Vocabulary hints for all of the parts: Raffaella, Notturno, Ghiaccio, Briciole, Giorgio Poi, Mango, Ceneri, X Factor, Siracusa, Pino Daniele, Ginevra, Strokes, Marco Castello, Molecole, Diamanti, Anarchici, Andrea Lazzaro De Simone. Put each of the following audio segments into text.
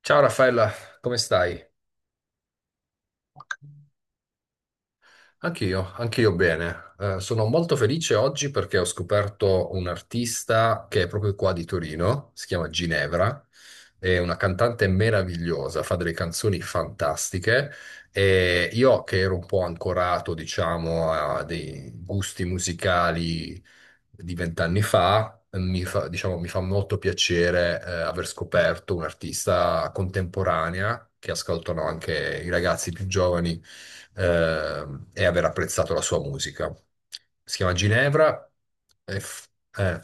Ciao Raffaella, come stai? Anch'io, anch'io bene. Sono molto felice oggi perché ho scoperto un artista che è proprio qua di Torino, si chiama Ginevra, è una cantante meravigliosa, fa delle canzoni fantastiche e io che ero un po' ancorato, diciamo, a dei gusti musicali di 20 anni fa, mi fa, diciamo, mi fa molto piacere, aver scoperto un'artista contemporanea che ascoltano anche i ragazzi più giovani eh, e aver apprezzato la sua musica. Si chiama Ginevra. e f- eh,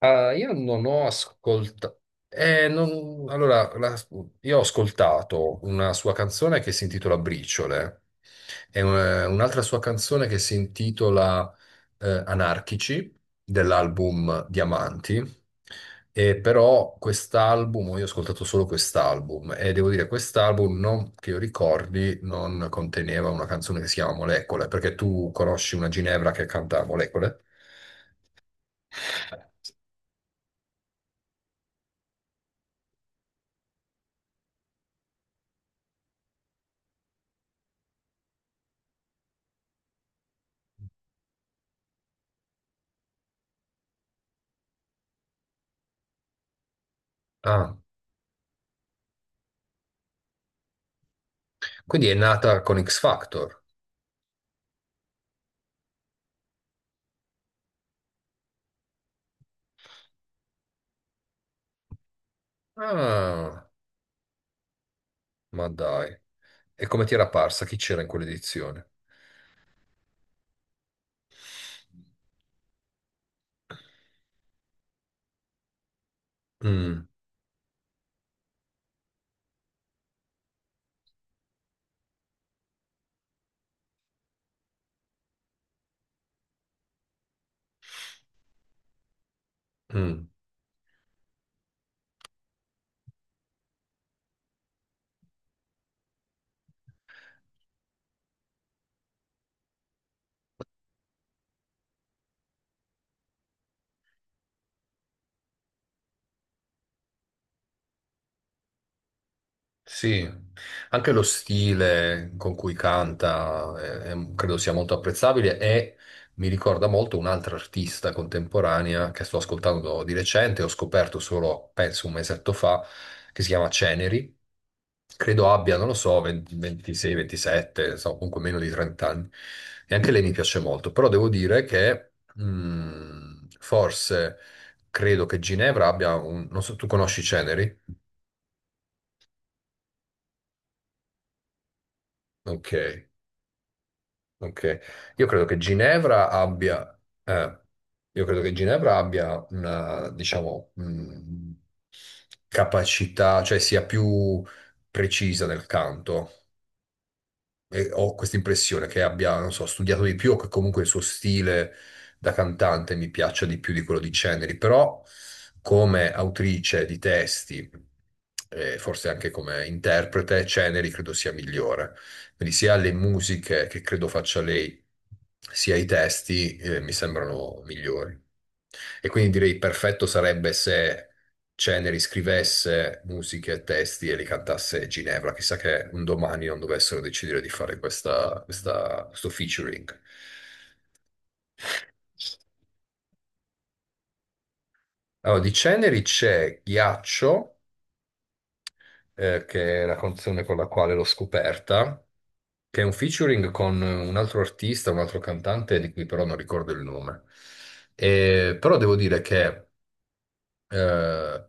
Ah, io non ho ascoltato. Allora, io ho ascoltato una sua canzone che si intitola Briciole e un'altra sua canzone che si intitola Anarchici dell'album Diamanti. E però quest'album, io ho ascoltato solo quest'album e devo dire, quest'album non, che io ricordi non conteneva una canzone che si chiama Molecole, perché tu conosci una Ginevra che canta Molecole? Ah. Quindi è nata con X Factor. Ah, ma dai. E come ti era parsa? Chi c'era in quell'edizione? Mm, mm. Sì, anche lo stile con cui canta credo sia molto apprezzabile e mi ricorda molto un'altra artista contemporanea che sto ascoltando di recente, ho scoperto solo, penso, un mesetto fa, che si chiama Ceneri. Credo abbia, non lo so, 20 26, 27, insomma, comunque meno di 30 anni. E anche lei mi piace molto, però devo dire che forse credo che Ginevra abbia un... Non so, tu conosci Ceneri? Ok. Ok, io credo che Ginevra abbia, eh, io credo che Ginevra abbia una, diciamo, capacità, cioè sia più precisa nel canto. E ho questa impressione che abbia, non so, studiato di più o che comunque il suo stile da cantante mi piaccia di più di quello di Ceneri, però come autrice di testi, e forse anche come interprete, Ceneri credo sia migliore. Quindi sia le musiche che credo faccia lei, sia i testi, mi sembrano migliori. E quindi direi perfetto sarebbe se Ceneri scrivesse musiche e testi e li cantasse Ginevra. Chissà che un domani non dovessero decidere di fare questa, questo featuring. Allora, di Ceneri c'è Ghiaccio che è la canzone con la quale l'ho scoperta, che è un featuring con un altro artista, un altro cantante, di cui però non ricordo il nome. Però devo dire che eh,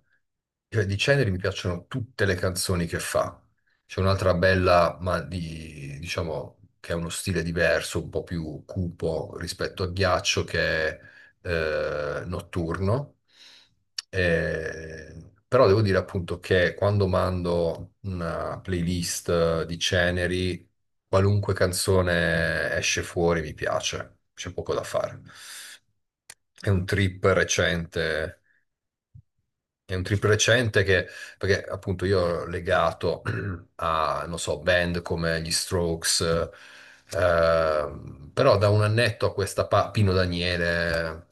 cioè, di Ceneri mi piacciono tutte le canzoni che fa. C'è un'altra bella, ma di, diciamo, che ha uno stile diverso, un po' più cupo rispetto a Ghiaccio, che è Notturno. Però devo dire appunto che quando mando una playlist di Ceneri, qualunque canzone esce fuori mi piace, c'è poco da fare. È un trip recente è un trip recente che, perché appunto io ero legato a, non so, band come gli Strokes, però da un annetto a questa Pino Daniele,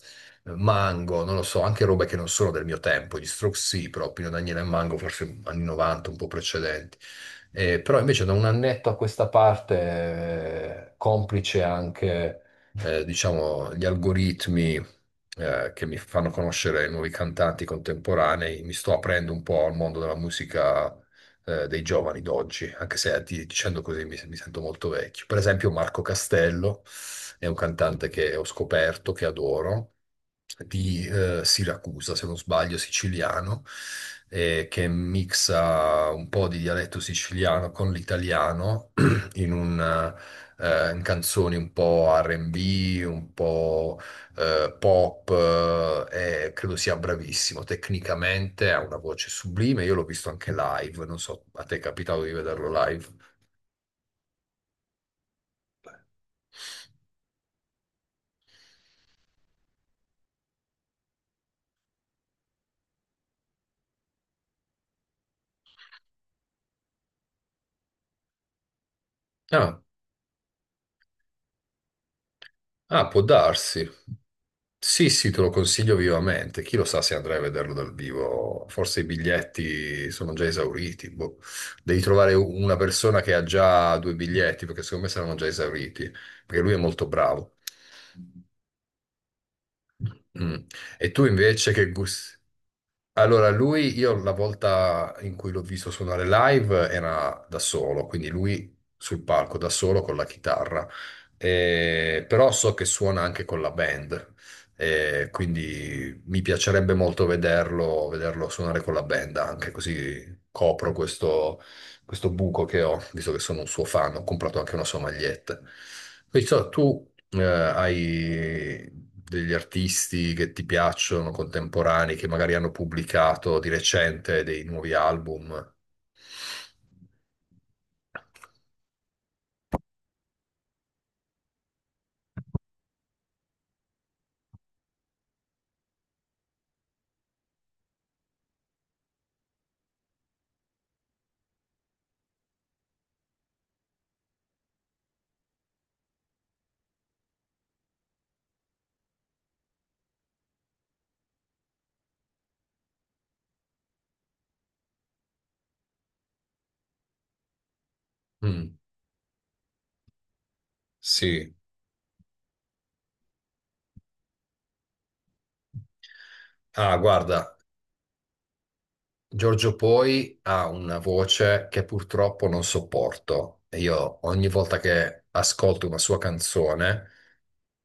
Mango, non lo so, anche robe che non sono del mio tempo, gli Strokes sì, però Pino Daniele e Mango forse anni 90, un po' precedenti. Però invece da un annetto a questa parte, complice anche diciamo, gli algoritmi, che mi fanno conoscere nuovi cantanti contemporanei, mi sto aprendo un po' al mondo della musica dei giovani d'oggi, anche se dicendo così mi sento molto vecchio. Per esempio Marco Castello è un cantante che ho scoperto, che adoro, di Siracusa, se non sbaglio, siciliano, che mixa un po' di dialetto siciliano con l'italiano in, un, in canzoni un po' R&B, un po' pop, e credo sia bravissimo. Tecnicamente ha una voce sublime, io l'ho visto anche live, non so, a te è capitato di vederlo live? No. Ah, può darsi. Sì, sì, te lo consiglio vivamente. Chi lo sa se andrai a vederlo dal vivo? Forse i biglietti sono già esauriti. Boh. Devi trovare una persona che ha già due biglietti, perché secondo me saranno già esauriti, perché lui è molto bravo. Mm. E tu invece che gusti? Allora, lui, io la volta in cui l'ho visto suonare live era da solo, quindi lui sul palco da solo con la chitarra. Però so che suona anche con la band, quindi mi piacerebbe molto vederlo, vederlo suonare con la band anche, così copro questo, buco che ho, visto che sono un suo fan, ho comprato anche una sua maglietta. Quindi, so, tu hai degli artisti che ti piacciono, contemporanei, che magari hanno pubblicato di recente dei nuovi album? Mm, sì. Ah, guarda, Giorgio Poi ha una voce che purtroppo non sopporto. E io ogni volta che ascolto una sua canzone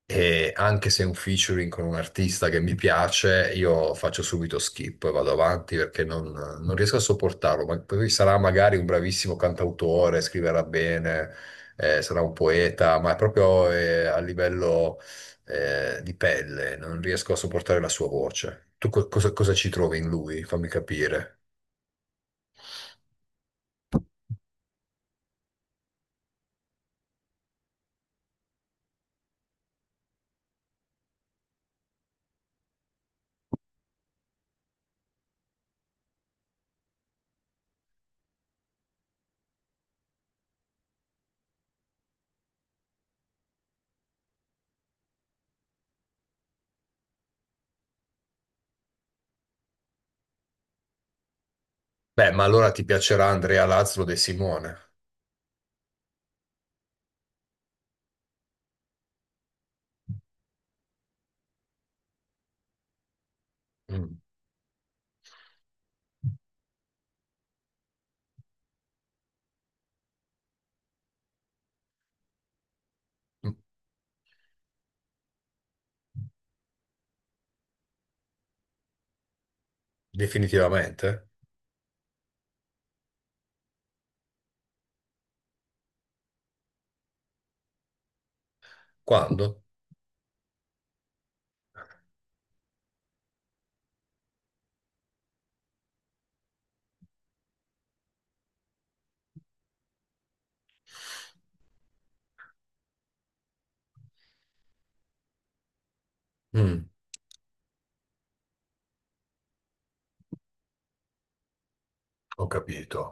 e anche se è un featuring con un artista che mi piace, io faccio subito skip e vado avanti perché non riesco a sopportarlo. Ma poi sarà magari un bravissimo cantautore, scriverà bene, sarà un poeta, ma è proprio a livello di pelle, non riesco a sopportare la sua voce. Tu cosa ci trovi in lui? Fammi capire. Beh, ma allora ti piacerà Andrea Lazzaro De Simone? Mm. Mm. Definitivamente? Quando? Mm, Ho capito.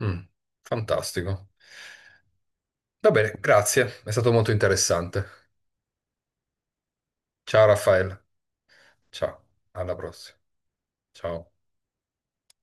Mm, Fantastico. Va bene, grazie, è stato molto interessante. Ciao Raffaele, ciao, alla prossima. Ciao.